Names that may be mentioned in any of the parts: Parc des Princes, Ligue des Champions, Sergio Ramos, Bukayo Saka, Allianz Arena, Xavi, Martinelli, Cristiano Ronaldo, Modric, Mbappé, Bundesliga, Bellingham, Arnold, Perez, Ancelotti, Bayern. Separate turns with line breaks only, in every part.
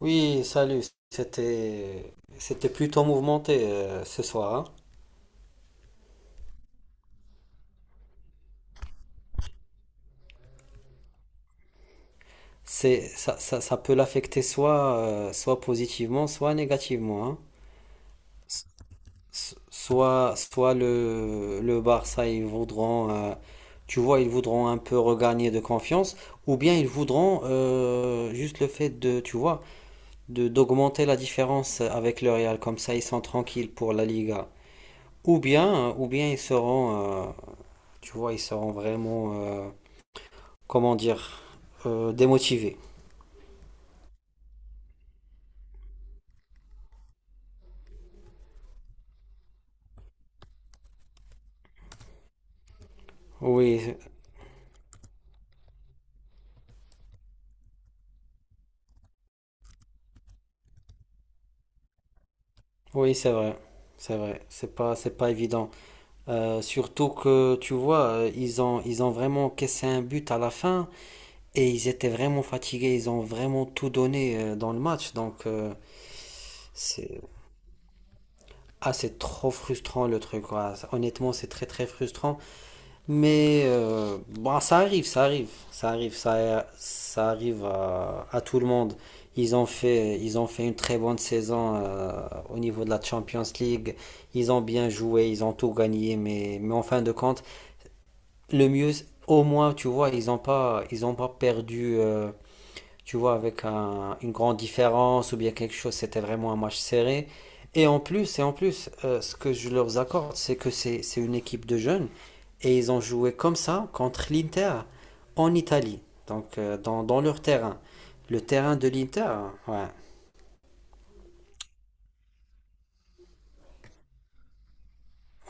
Oui, salut. C'était plutôt mouvementé ce soir, hein. C'est ça. Ça peut l'affecter soit soit positivement, soit négativement, hein. S- soit le Barça, ils voudront tu vois, ils voudront un peu regagner de confiance, ou bien ils voudront juste le fait de, tu vois, de d'augmenter la différence avec le Real, comme ça ils sont tranquilles pour la Liga. Ou bien ils seront tu vois, ils seront vraiment euh, comment dire, démotivé. Oui, oui, c'est vrai. C'est vrai, c'est pas évident. Surtout que, tu vois, ils ont vraiment cassé un but à la fin, et ils étaient vraiment fatigués, ils ont vraiment tout donné dans le match. Donc, c'est, ah, c'est trop frustrant le truc, quoi. Honnêtement, c'est très très frustrant. Mais bon, ça arrive, à tout le monde. Ils ont fait une très bonne saison au niveau de la Champions League. Ils ont bien joué, ils ont tout gagné, mais en fin de compte, le mieux, au moins, tu vois, ils ont pas perdu tu vois, avec une grande différence ou bien quelque chose, c'était vraiment un match serré. Et en plus, ce que je leur accorde, c'est que c'est une équipe de jeunes, et ils ont joué comme ça contre l'Inter en Italie, donc dans leur terrain. Le terrain de l'Inter, ouais.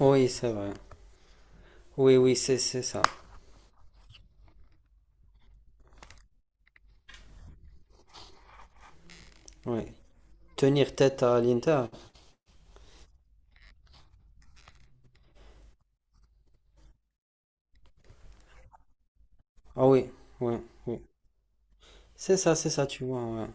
Oui, c'est vrai. Oui, oui, c'est ça. Oui. Tenir tête à l'Inter. Ah oui, oui, oui. C'est ça, tu vois, ouais.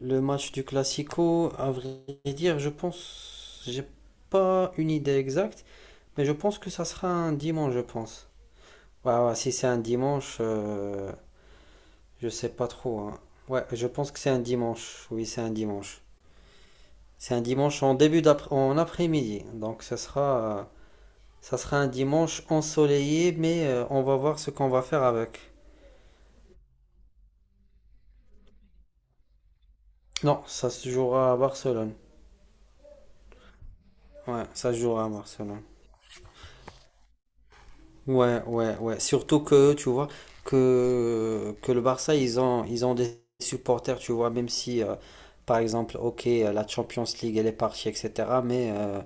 Le match du Classico, à vrai dire, je pense, j'ai pas une idée exacte, mais je pense que ça sera un dimanche, je pense. Ouais, ouais, si c'est un dimanche, je sais pas trop, hein. Ouais, je pense que c'est un dimanche. Oui, c'est un dimanche. C'est un dimanche en après-midi. Donc, ça sera un dimanche ensoleillé, mais on va voir ce qu'on va faire avec. Non, ça se jouera à Barcelone. Ouais, ça se jouera à Barcelone. Ouais, ouais, ouais. Surtout que, tu vois, que le Barça, ils ont des supporters, tu vois, même si, par exemple, ok, la Champions League, elle est partie, etc. Mais, euh,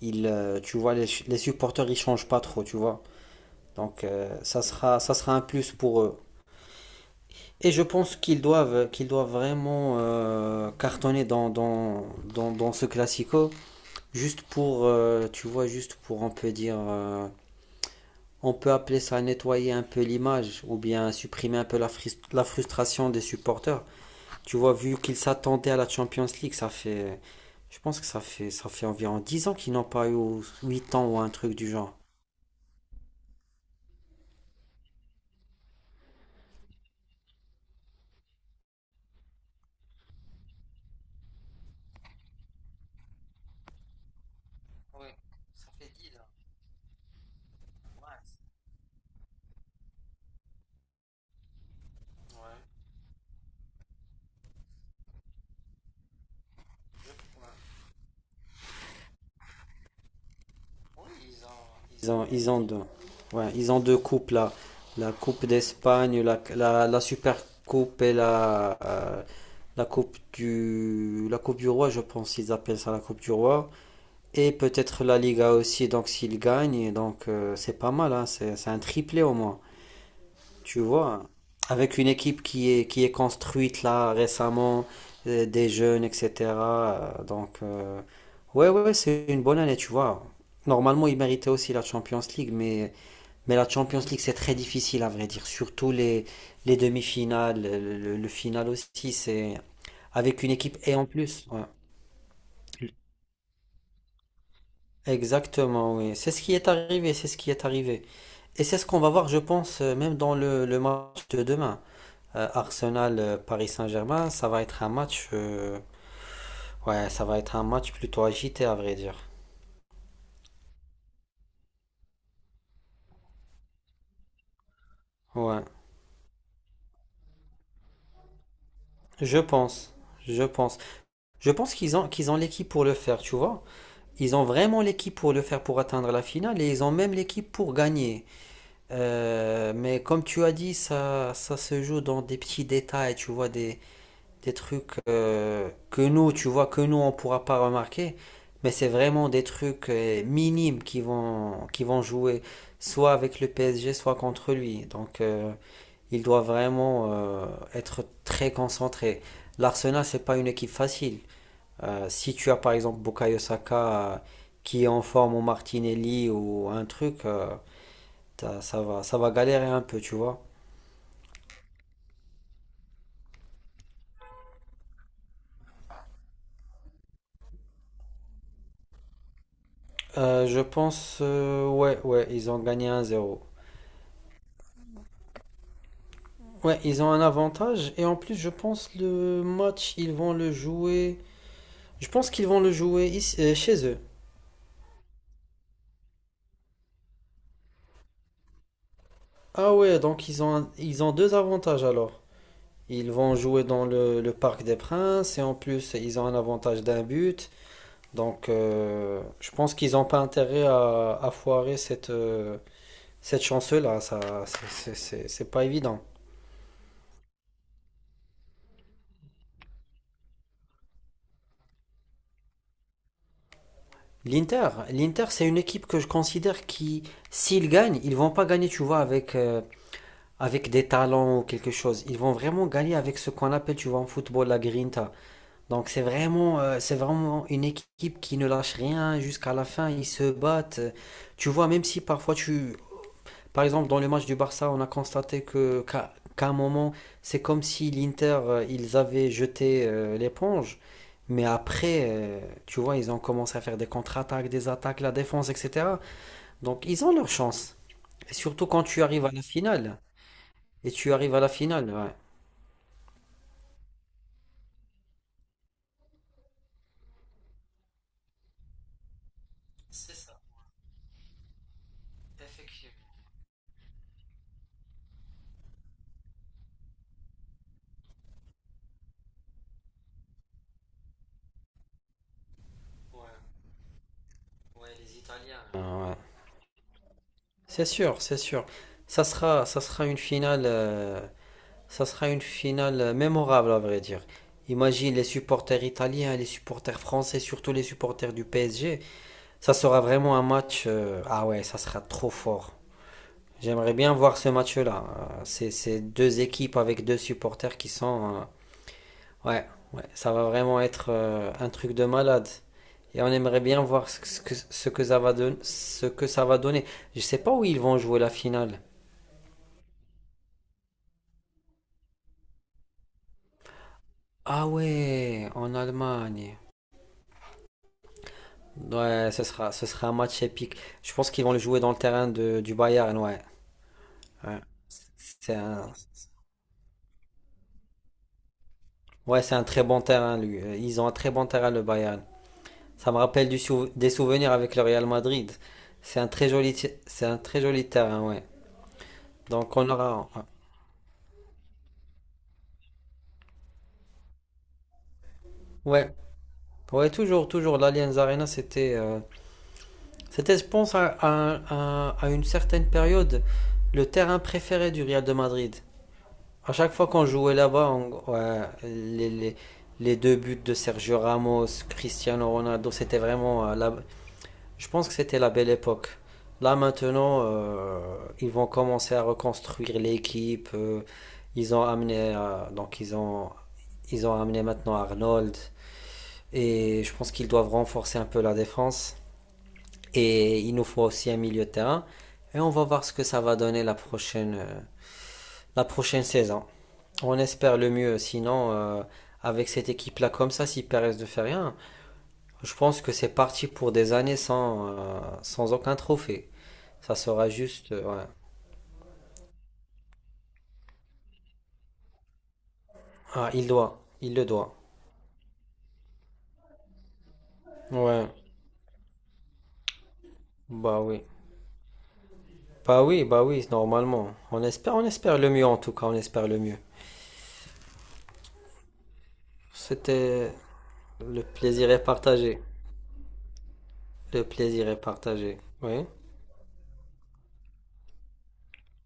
ils, euh, tu vois, les supporters, ils changent pas trop, tu vois. Donc, ça sera un plus pour eux. Et je pense qu'ils doivent vraiment cartonner dans ce classico, juste pour, tu vois, on peut dire... on peut appeler ça nettoyer un peu l'image, ou bien supprimer un peu la frustration des supporters. Tu vois, vu qu'ils s'attendaient à la Champions League, je pense que ça fait environ 10 ans qu'ils n'ont pas eu, ou 8 ans ou un truc du genre. Ouais, ça fait 10 là. Ils ont deux, ouais, ils ont deux coupes là, la Coupe d'Espagne, la Super Coupe et la Coupe du Roi, je pense qu'ils appellent ça la Coupe du Roi. Et peut-être la Liga aussi, donc s'il gagne, donc c'est pas mal, hein, c'est un triplé au moins. Tu vois, avec une équipe qui est construite là récemment, des jeunes, etc. Donc, ouais, ouais, ouais, c'est une bonne année, tu vois. Normalement, ils méritaient aussi la Champions League, mais la Champions League, c'est très difficile à vrai dire. Surtout les demi-finales, le final aussi, c'est avec une équipe et en plus. Ouais, exactement, oui. C'est ce qui est arrivé, c'est ce qui est arrivé. Et c'est ce qu'on va voir, je pense, même dans le match de demain. Arsenal-Paris Saint-Germain, ça va être un match plutôt agité, à vrai dire. Ouais, je pense, je pense. Je pense qu'ils ont l'équipe pour le faire, tu vois. Ils ont vraiment l'équipe pour le faire, pour atteindre la finale, et ils ont même l'équipe pour gagner. Mais comme tu as dit, ça se joue dans des petits détails, tu vois, des trucs que nous, tu vois, on ne pourra pas remarquer, mais c'est vraiment des trucs minimes qui vont jouer, soit avec le PSG, soit contre lui. Donc, il doit vraiment être très concentré. L'Arsenal, c'est pas une équipe facile. Si tu as par exemple Bukayo Saka qui est en forme ou Martinelli ou un truc, ça va galérer un peu, tu vois. Je pense, ouais, ouais, ils ont gagné 1-0. Ouais, ils ont un avantage, et en plus, je pense le match, ils vont le jouer. Je pense qu'ils vont le jouer chez eux. Ah ouais, donc ils ont ils ont deux avantages alors. Ils vont jouer dans le Parc des Princes, et en plus, ils ont un avantage d'un but. Donc, je pense qu'ils n'ont pas intérêt à foirer cette chance-là. Ça, c'est c'est pas évident. L'Inter, c'est une équipe que je considère qui, s'ils gagnent, ils vont pas gagner, tu vois, avec des talents ou quelque chose. Ils vont vraiment gagner avec ce qu'on appelle, tu vois, en football, la grinta. Donc c'est vraiment une équipe qui ne lâche rien jusqu'à la fin. Ils se battent. Tu vois, même si parfois tu... Par exemple, dans le match du Barça, on a constaté que qu'à qu'à un moment, c'est comme si l'Inter, ils avaient jeté l'éponge. Mais après, tu vois, ils ont commencé à faire des contre-attaques, des attaques, la défense, etc. Donc ils ont leur chance. Et surtout quand tu arrives à la finale. Et tu arrives à la finale, ouais. Euh, c'est sûr, c'est sûr. Ça sera une finale mémorable à vrai dire. Imagine les supporters italiens, les supporters français, surtout les supporters du PSG. Ça sera vraiment un match. Ah ouais, ça sera trop fort. J'aimerais bien voir ce match-là. C'est deux équipes avec deux supporters qui sont, ouais, ouais, ça va vraiment être un truc de malade. Et on aimerait bien voir ce que, ce que- ce que ça va don- ce que ça va donner. Je sais pas où ils vont jouer la finale. Ah ouais, en Allemagne. Ouais, ce sera un match épique. Je pense qu'ils vont le jouer dans le terrain du Bayern, ouais. Ouais, c'est un, ouais, c'est un très bon terrain, lui. Ils ont un très bon terrain, le Bayern. Ça me rappelle des souvenirs avec le Real Madrid. C'est un très joli terrain, ouais. Donc on aura, ouais. Ouais, ouais, toujours, toujours. L'Allianz Arena, c'était, je pense, à une certaine période, le terrain préféré du Real de Madrid. À chaque fois qu'on jouait là-bas, ouais, les deux buts de Sergio Ramos, Cristiano Ronaldo, c'était vraiment, je pense que c'était la belle époque. Là, maintenant, ils vont commencer à reconstruire l'équipe. Ils ont amené, euh, donc ils ont, ils ont amené maintenant Arnold. Et je pense qu'ils doivent renforcer un peu la défense. Et il nous faut aussi un milieu de terrain. Et on va voir ce que ça va donner la prochaine saison. On espère le mieux. Sinon, avec cette équipe-là comme ça, si Perez ne fait rien, je pense que c'est parti pour des années sans aucun trophée. Ça sera juste... ouais. Ah, il doit. Il le doit. Ouais. Bah oui. Bah oui, bah oui, normalement. On espère le mieux en tout cas. On espère le mieux. C'était... Le plaisir est partagé. Le plaisir est partagé. Oui.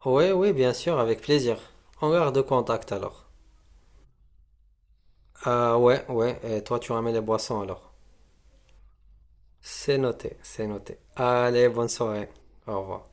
Oui, oui, bien sûr, avec plaisir. On garde contact alors. Ah ouais, ouais, et toi tu ramènes les boissons alors. C'est noté, c'est noté. Allez, bonne soirée. Au revoir.